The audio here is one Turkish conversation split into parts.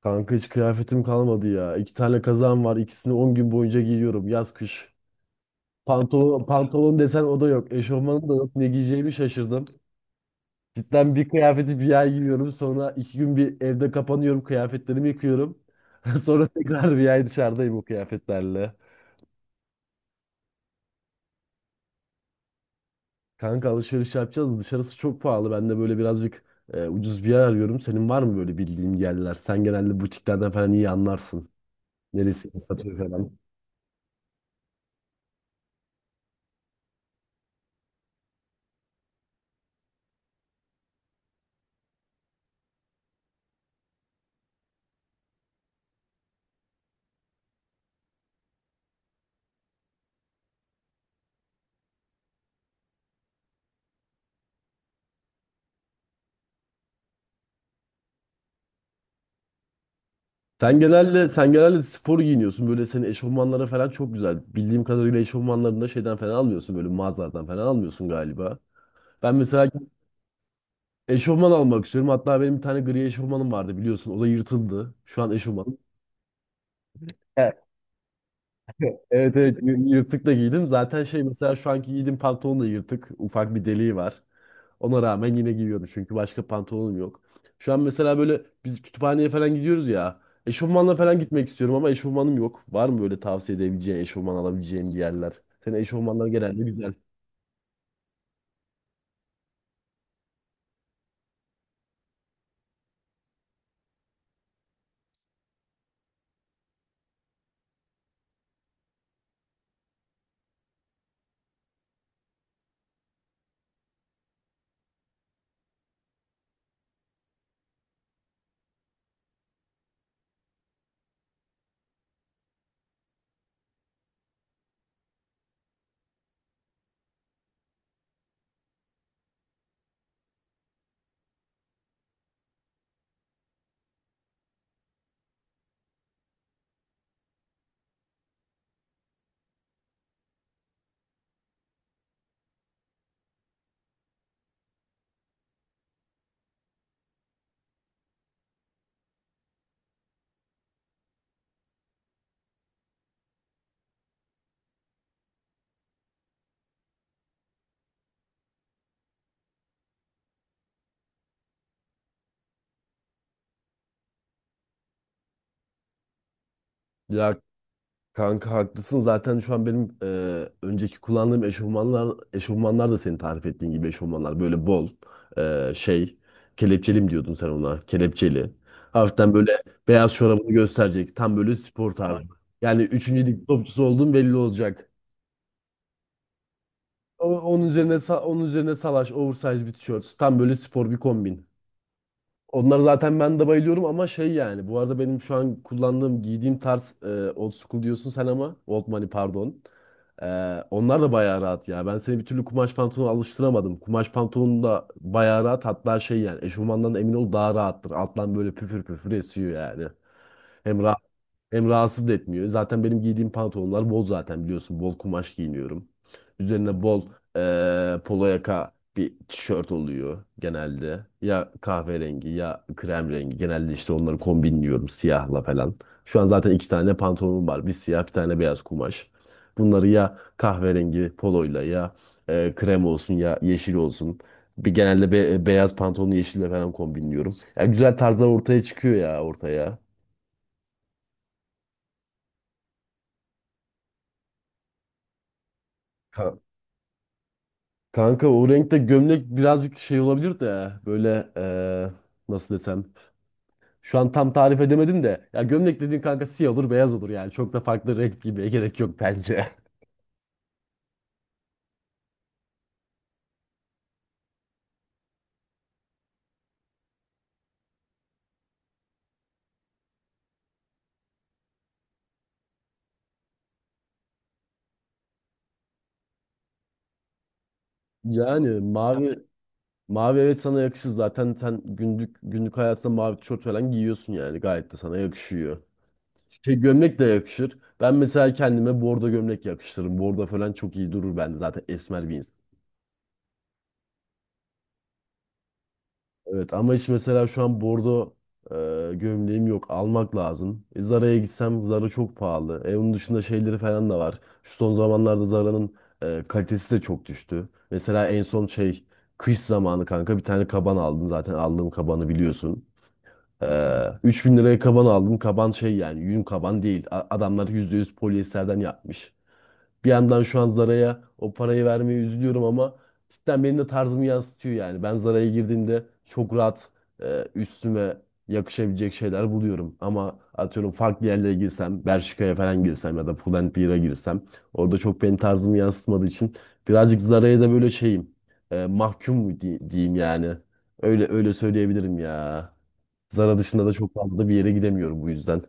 Kanka hiç kıyafetim kalmadı ya. İki tane kazağım var. İkisini 10 gün boyunca giyiyorum. Yaz kış. Pantolon desen o da yok. Eşofmanım da yok. Ne giyeceğimi şaşırdım. Cidden bir kıyafeti bir ay giyiyorum. Sonra 2 gün bir evde kapanıyorum. Kıyafetlerimi yıkıyorum. Sonra tekrar bir ay dışarıdayım o kıyafetlerle. Kanka alışveriş yapacağız da dışarısı çok pahalı. Ben de böyle birazcık ucuz bir yer arıyorum. Senin var mı böyle bildiğin yerler? Sen genelde butiklerden falan iyi anlarsın. Neresi satıyor falan. Sen genelde spor giyiniyorsun. Böyle senin eşofmanlara falan çok güzel. Bildiğim kadarıyla eşofmanlarını da şeyden falan almıyorsun. Böyle mağazalardan falan almıyorsun galiba. Ben mesela eşofman almak istiyorum. Hatta benim bir tane gri eşofmanım vardı biliyorsun. O da yırtıldı. Şu an eşofman. Evet. Evet evet yırtık da giydim. Zaten şey mesela şu anki giydiğim pantolon da yırtık. Ufak bir deliği var. Ona rağmen yine giyiyorum çünkü başka pantolonum yok. Şu an mesela böyle biz kütüphaneye falan gidiyoruz ya. Eşofmanla falan gitmek istiyorum ama eşofmanım yok. Var mı böyle tavsiye edebileceğin, eşofman alabileceğim bir yerler? Senin eşofmanlar genelde güzel. Ya kanka haklısın. Zaten şu an benim önceki kullandığım eşofmanlar da senin tarif ettiğin gibi eşofmanlar. Böyle bol e, şey, kelepçeli mi diyordun sen ona? Kelepçeli. Hafiften böyle beyaz çorabını gösterecek. Tam böyle spor tarzı. Yani üçüncü lig topçusu olduğun belli olacak. Onun üzerine salaş, oversize bir tişört. Tam böyle spor bir kombin. Onlar zaten ben de bayılıyorum ama şey yani. Bu arada benim şu an kullandığım, giydiğim tarz old school diyorsun sen ama old money pardon. E, Onlar da bayağı rahat ya. Ben seni bir türlü kumaş pantolona alıştıramadım. Kumaş pantolon da bayağı rahat. Hatta şey yani eşofmandan emin ol daha rahattır. Alttan böyle püfür püfür esiyor yani. Hem rahat. Hem rahatsız da etmiyor. Zaten benim giydiğim pantolonlar bol zaten biliyorsun. Bol kumaş giyiniyorum. Üzerine bol polo yaka bir tişört oluyor genelde. Ya kahverengi ya krem rengi. Genelde işte onları kombinliyorum siyahla falan. Şu an zaten iki tane pantolonum var. Bir siyah bir tane beyaz kumaş. Bunları ya kahverengi poloyla ya krem olsun ya yeşil olsun. Bir genelde beyaz pantolonu yeşille falan kombinliyorum. Ya güzel tarzlar ortaya çıkıyor ya ortaya. Ka- Kanka o renkte gömlek birazcık şey olabilir de böyle nasıl desem. Şu an tam tarif edemedim de. Ya gömlek dediğin kanka siyah olur beyaz olur yani. Çok da farklı renk giymeye gerek yok bence. Yani mavi evet sana yakışır, zaten sen günlük hayatında mavi tişört falan giyiyorsun yani gayet de sana yakışıyor. Şey gömlek de yakışır. Ben mesela kendime bordo gömlek yakıştırırım. Bordo falan çok iyi durur bende zaten esmer bir. Evet ama hiç mesela şu an bordo gömleğim yok. Almak lazım. Zara'ya gitsem Zara çok pahalı. Onun dışında şeyleri falan da var. Şu son zamanlarda Zara'nın kalitesi de çok düştü. Mesela en son şey kış zamanı kanka bir tane kaban aldım. Zaten aldığım kabanı biliyorsun. E, 3.000 liraya kaban aldım. Kaban şey yani yün kaban değil. Adamlar %100 polyesterden yapmış. Bir yandan şu an Zara'ya o parayı vermeye üzülüyorum ama cidden benim de tarzımı yansıtıyor yani. Ben Zara'ya girdiğimde çok rahat üstüme yakışabilecek şeyler buluyorum. Ama atıyorum farklı yerlere girsem, Bershka'ya falan girsem ya da Pull&Bear'a girsem orada çok benim tarzımı yansıtmadığı için birazcık Zara'ya da böyle şeyim mahkum mu diyeyim yani. Öyle öyle söyleyebilirim ya. Zara dışında da çok fazla da bir yere gidemiyorum bu yüzden.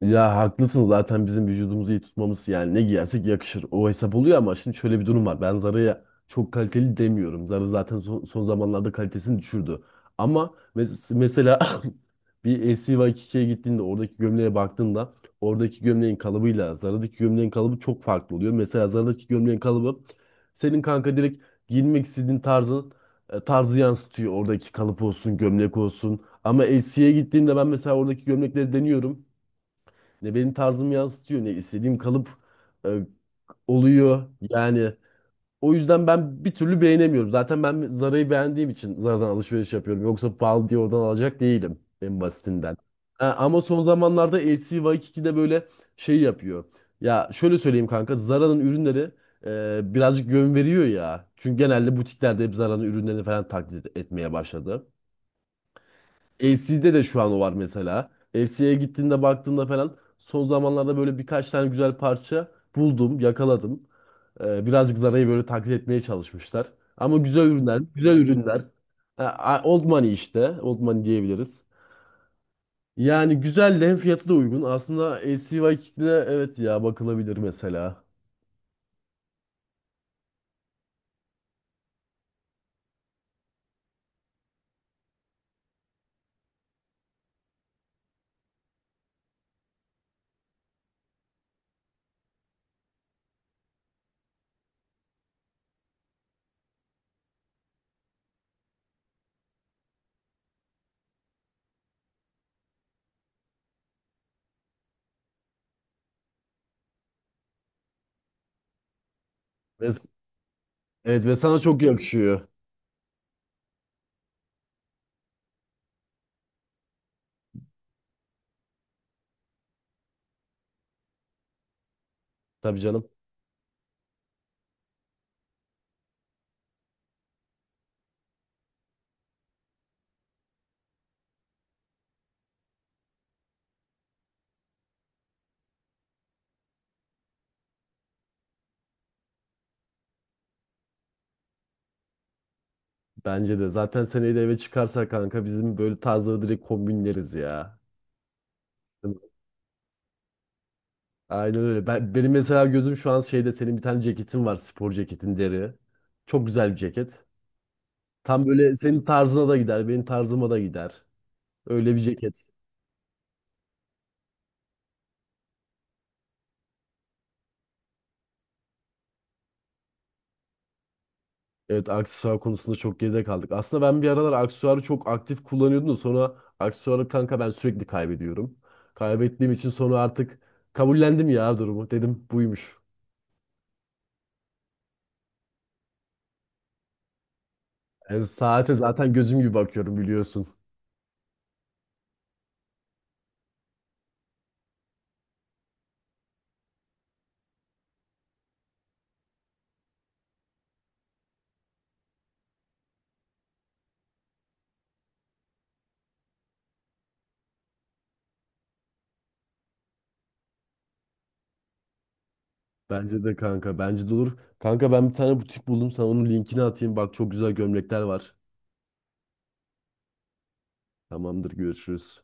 Ya haklısın, zaten bizim vücudumuzu iyi tutmamız yani ne giyersek yakışır. O hesap oluyor ama şimdi şöyle bir durum var. Ben Zara'ya çok kaliteli demiyorum. Zara zaten son zamanlarda kalitesini düşürdü. Ama mesela bir SCY2K'ye gittiğinde, oradaki gömleğe baktığında oradaki gömleğin kalıbıyla Zara'daki gömleğin kalıbı çok farklı oluyor. Mesela Zara'daki gömleğin kalıbı senin kanka direkt giyinmek istediğin tarzın tarzı yansıtıyor. Oradaki kalıp olsun, gömlek olsun. Ama SC'ye gittiğimde ben mesela oradaki gömlekleri deniyorum, ne benim tarzımı yansıtıyor ne istediğim kalıp e, oluyor. Yani o yüzden ben bir türlü beğenemiyorum. Zaten ben Zara'yı beğendiğim için Zara'dan alışveriş yapıyorum. Yoksa pahalı diye oradan alacak değilim en basitinden. Ha, ama son zamanlarda LC böyle şey yapıyor. Ya şöyle söyleyeyim kanka, Zara'nın ürünleri birazcık yön veriyor ya. Çünkü genelde butiklerde hep Zara'nın ürünlerini falan taklit etmeye başladı. FC'de de şu an o var mesela. FC'ye gittiğinde baktığında falan son zamanlarda böyle birkaç tane güzel parça buldum, yakaladım. Birazcık Zara'yı böyle taklit etmeye çalışmışlar. Ama güzel ürünler, güzel ürünler. Ha, Old Money işte, Old Money diyebiliriz. Yani güzel de, hem fiyatı da uygun. Aslında L C LCY Kick'le, evet ya, bakılabilir mesela. Ve, evet ve sana çok yakışıyor. Tabii canım. Bence de. Zaten seneyi de eve çıkarsa kanka bizim böyle tarzları direkt kombinleriz ya. Aynen öyle. Ben, benim mesela gözüm şu an şeyde, senin bir tane ceketin var. Spor ceketin, deri. Çok güzel bir ceket. Tam böyle senin tarzına da gider, benim tarzıma da gider. Öyle bir ceket. Evet, aksesuar konusunda çok geride kaldık. Aslında ben bir aralar aksesuarı çok aktif kullanıyordum da sonra aksesuarı kanka ben sürekli kaybediyorum. Kaybettiğim için sonra artık kabullendim ya durumu. Dedim buymuş. Yani saate zaten gözüm gibi bakıyorum biliyorsun. Bence de kanka. Bence de olur. Kanka ben bir tane butik buldum. Sana onun linkini atayım. Bak çok güzel gömlekler var. Tamamdır, görüşürüz.